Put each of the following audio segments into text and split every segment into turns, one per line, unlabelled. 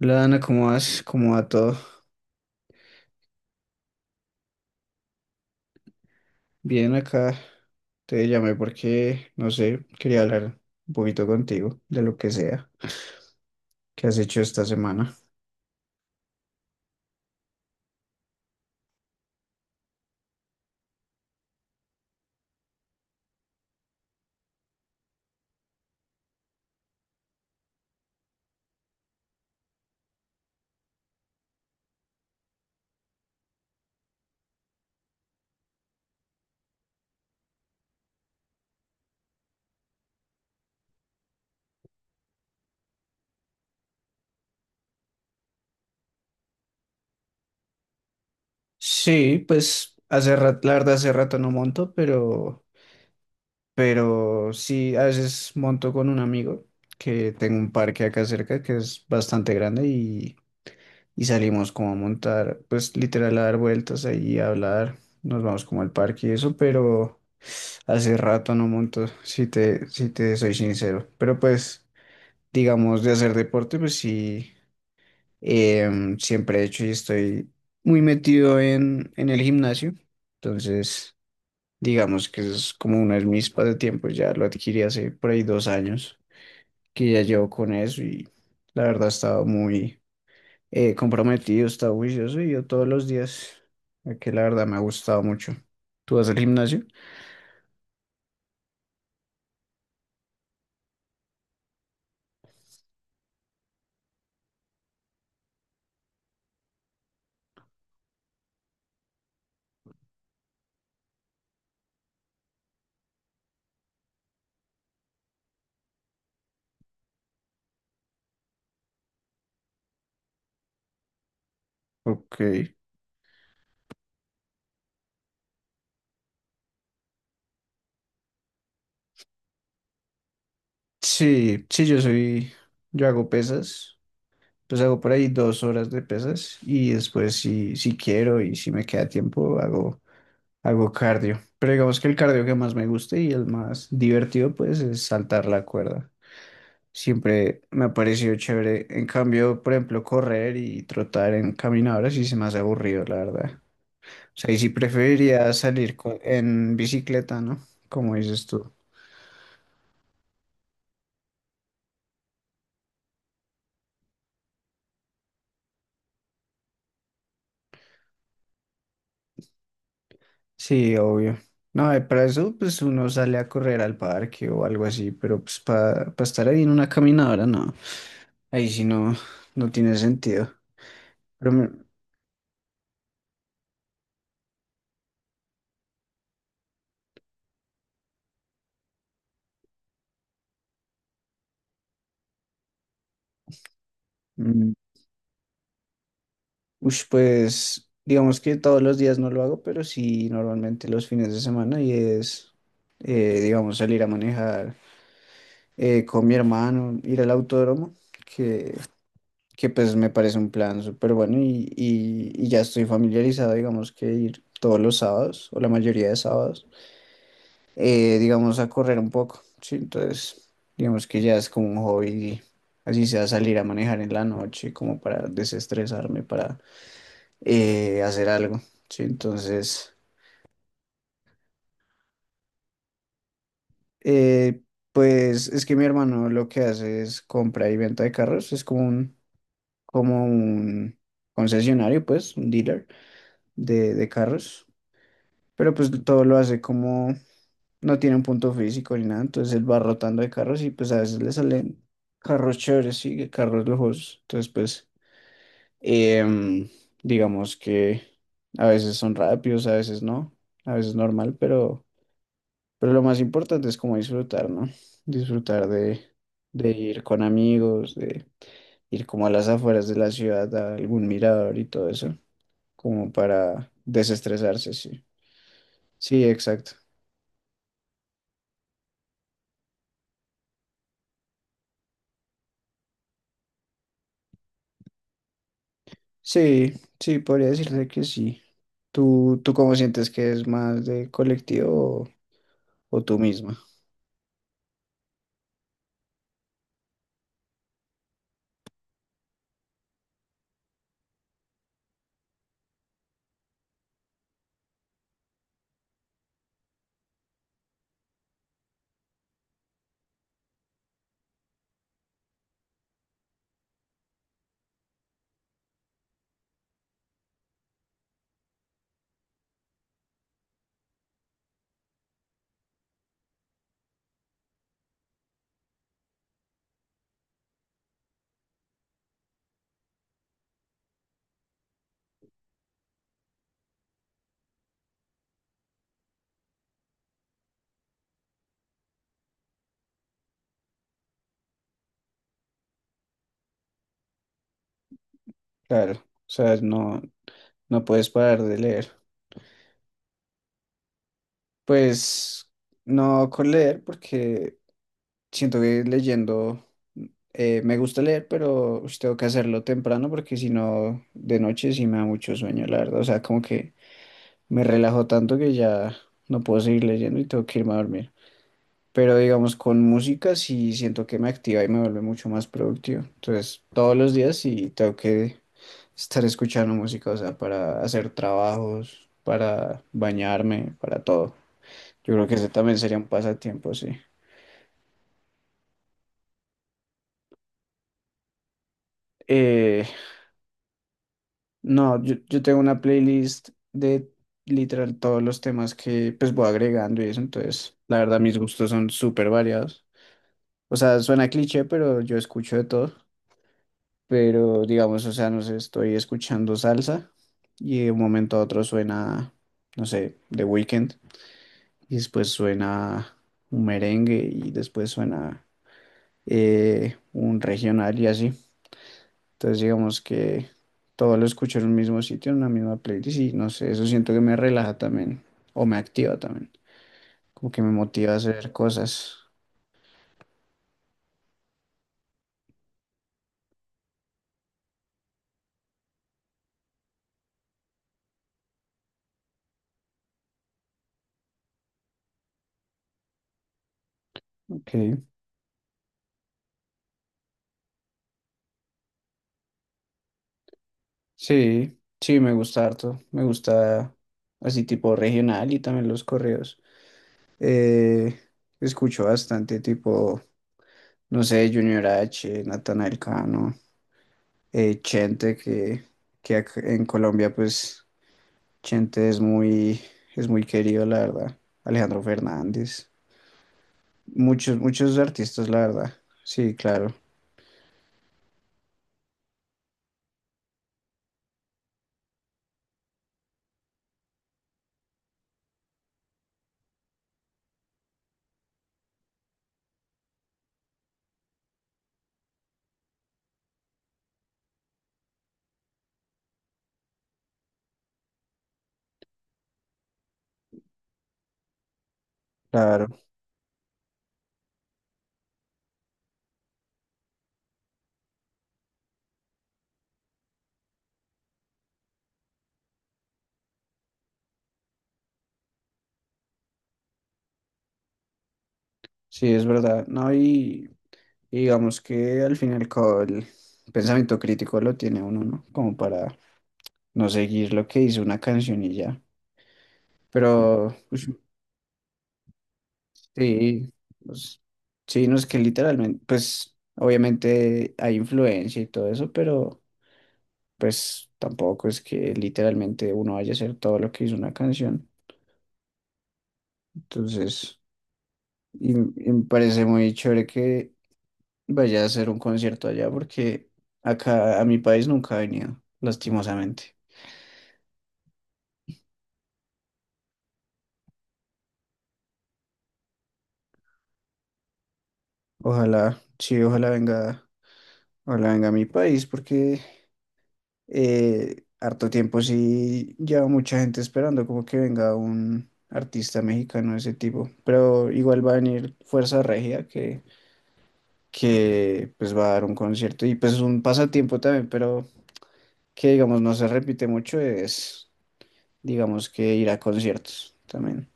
Hola Ana, ¿cómo vas? ¿Cómo va todo? Bien acá. Te llamé porque, no sé, quería hablar un poquito contigo de lo que sea que has hecho esta semana. Sí, pues hace rato, la verdad hace rato no monto, pero sí, a veces monto con un amigo que tengo un parque acá cerca que es bastante grande y salimos como a montar, pues literal a dar vueltas ahí, a hablar, nos vamos como al parque y eso, pero... Hace rato no monto, si te soy sincero. Pero pues, digamos, de hacer deporte, pues sí, siempre he hecho y estoy muy metido en el gimnasio. Entonces, digamos que es como uno de mis pasatiempos, ya lo adquirí hace por ahí 2 años, que ya llevo con eso y la verdad he estado muy comprometido, he estado juicioso y yo todos los días, que la verdad me ha gustado mucho. ¿Tú vas al gimnasio? Ok. Sí, sí, yo hago pesas, pues hago por ahí 2 horas de pesas y después si quiero y si me queda tiempo hago cardio. Pero digamos que el cardio que más me gusta y el más divertido pues es saltar la cuerda. Siempre me ha parecido chévere. En cambio, por ejemplo, correr y trotar en caminadoras sí se me hace aburrido, la verdad. O sea, y si preferiría salir en bicicleta, ¿no? Como dices tú. Sí, obvio. No, para eso pues uno sale a correr al parque o algo así, pero pues para estar ahí en una caminadora, no. Ahí sí no, no tiene sentido. Pero me- mm, pues digamos que todos los días no lo hago, pero sí normalmente los fines de semana y es, digamos, salir a manejar con mi hermano, ir al autódromo, que, que pues me parece un plan súper bueno y ya estoy familiarizado, digamos, que ir todos los sábados o la mayoría de sábados. Digamos, a correr un poco, ¿sí? Entonces, digamos que ya es como un hobby, así sea salir a manejar en la noche, como para desestresarme, para hacer algo, ¿sí? Entonces, eh, pues es que mi hermano lo que hace es compra y venta de carros, es como un concesionario, pues, un dealer de carros, pero pues todo lo hace como no tiene un punto físico ni nada, entonces él va rotando de carros y pues a veces le salen carros chéveres, sí, carros lujosos. Entonces, pues, em, digamos que a veces son rápidos, a veces no, a veces normal, pero lo más importante es como disfrutar, ¿no? Disfrutar de, de ir con amigos, de ir como a las afueras de la ciudad, a algún mirador y todo eso, como para desestresarse, sí. Sí, exacto. Sí, sí, podría decirse que sí. ¿Tú cómo sientes que es más de colectivo o tú misma? Claro, o sea, no, no puedes parar de leer. Pues no con leer porque siento que leyendo me gusta leer, pero ush, tengo que hacerlo temprano porque si no, de noche sí me da mucho sueño, la verdad. O sea, como que me relajo tanto que ya no puedo seguir leyendo y tengo que irme a dormir. Pero digamos, con música sí siento que me activa y me vuelve mucho más productivo. Entonces, todos los días sí tengo que estar escuchando música, o sea, para hacer trabajos, para bañarme, para todo. Yo creo que ese también sería un pasatiempo, sí. Eh, no, yo tengo una playlist de literal todos los temas que pues voy agregando y eso, entonces, la verdad, mis gustos son súper variados. O sea, suena cliché, pero yo escucho de todo. Pero digamos, o sea, no sé, estoy escuchando salsa y de un momento a otro no sé, The Weeknd y después suena un merengue y después suena un regional y así. Entonces digamos que todo lo escucho en un mismo sitio, en una misma playlist y no sé, eso siento que me relaja también o me activa también, como que me motiva a hacer cosas. Ok, sí, sí, me gusta harto, me gusta así tipo regional y también los correos. Eh, escucho bastante tipo, no sé, Junior H, Natanael Cano, Chente, que en Colombia pues Chente es muy, es muy querido, la verdad. Alejandro Fernández. Muchos, muchos artistas, la verdad. Sí, claro, claro. Sí, es verdad. No, y digamos que al final el pensamiento crítico lo tiene uno, ¿no? Como para no seguir lo que hizo una canción y ya. Pero ush, sí, pues, sí, no es que literalmente, pues obviamente hay influencia y todo eso, pero pues tampoco es que literalmente uno vaya a hacer todo lo que hizo una canción. Entonces, y me parece muy chévere que vaya a hacer un concierto allá porque acá a mi país nunca ha venido, lastimosamente. Ojalá, sí, ojalá venga a mi país porque harto tiempo sí lleva mucha gente esperando como que venga un artista mexicano de ese tipo, pero igual va a venir Fuerza Regia que pues va a dar un concierto y pues es un pasatiempo también, pero que digamos no se repite mucho es digamos que ir a conciertos también.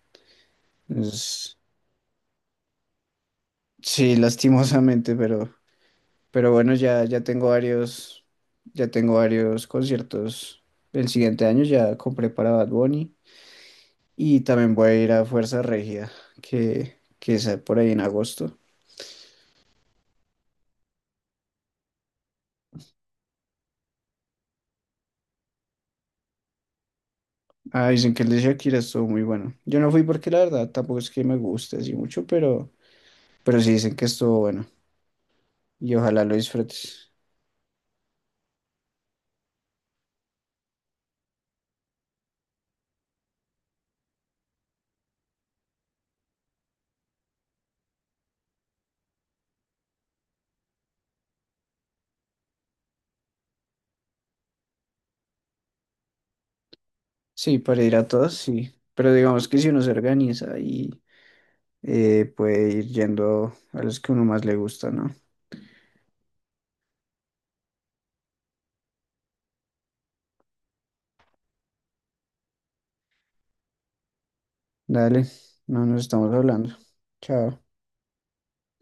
Es- sí, lastimosamente, pero bueno, ya tengo varios conciertos. El siguiente año ya compré para Bad Bunny. Y también voy a ir a Fuerza Regida, que es por ahí en agosto. Ah, dicen que el de Shakira estuvo muy bueno. Yo no fui porque la verdad tampoco es que me guste así mucho, pero sí dicen que estuvo bueno. Y ojalá lo disfrutes. Sí, para ir a todos, sí. Pero digamos que si uno se organiza y puede ir yendo a los que uno más le gusta, ¿no? Dale, no nos estamos hablando. Chao.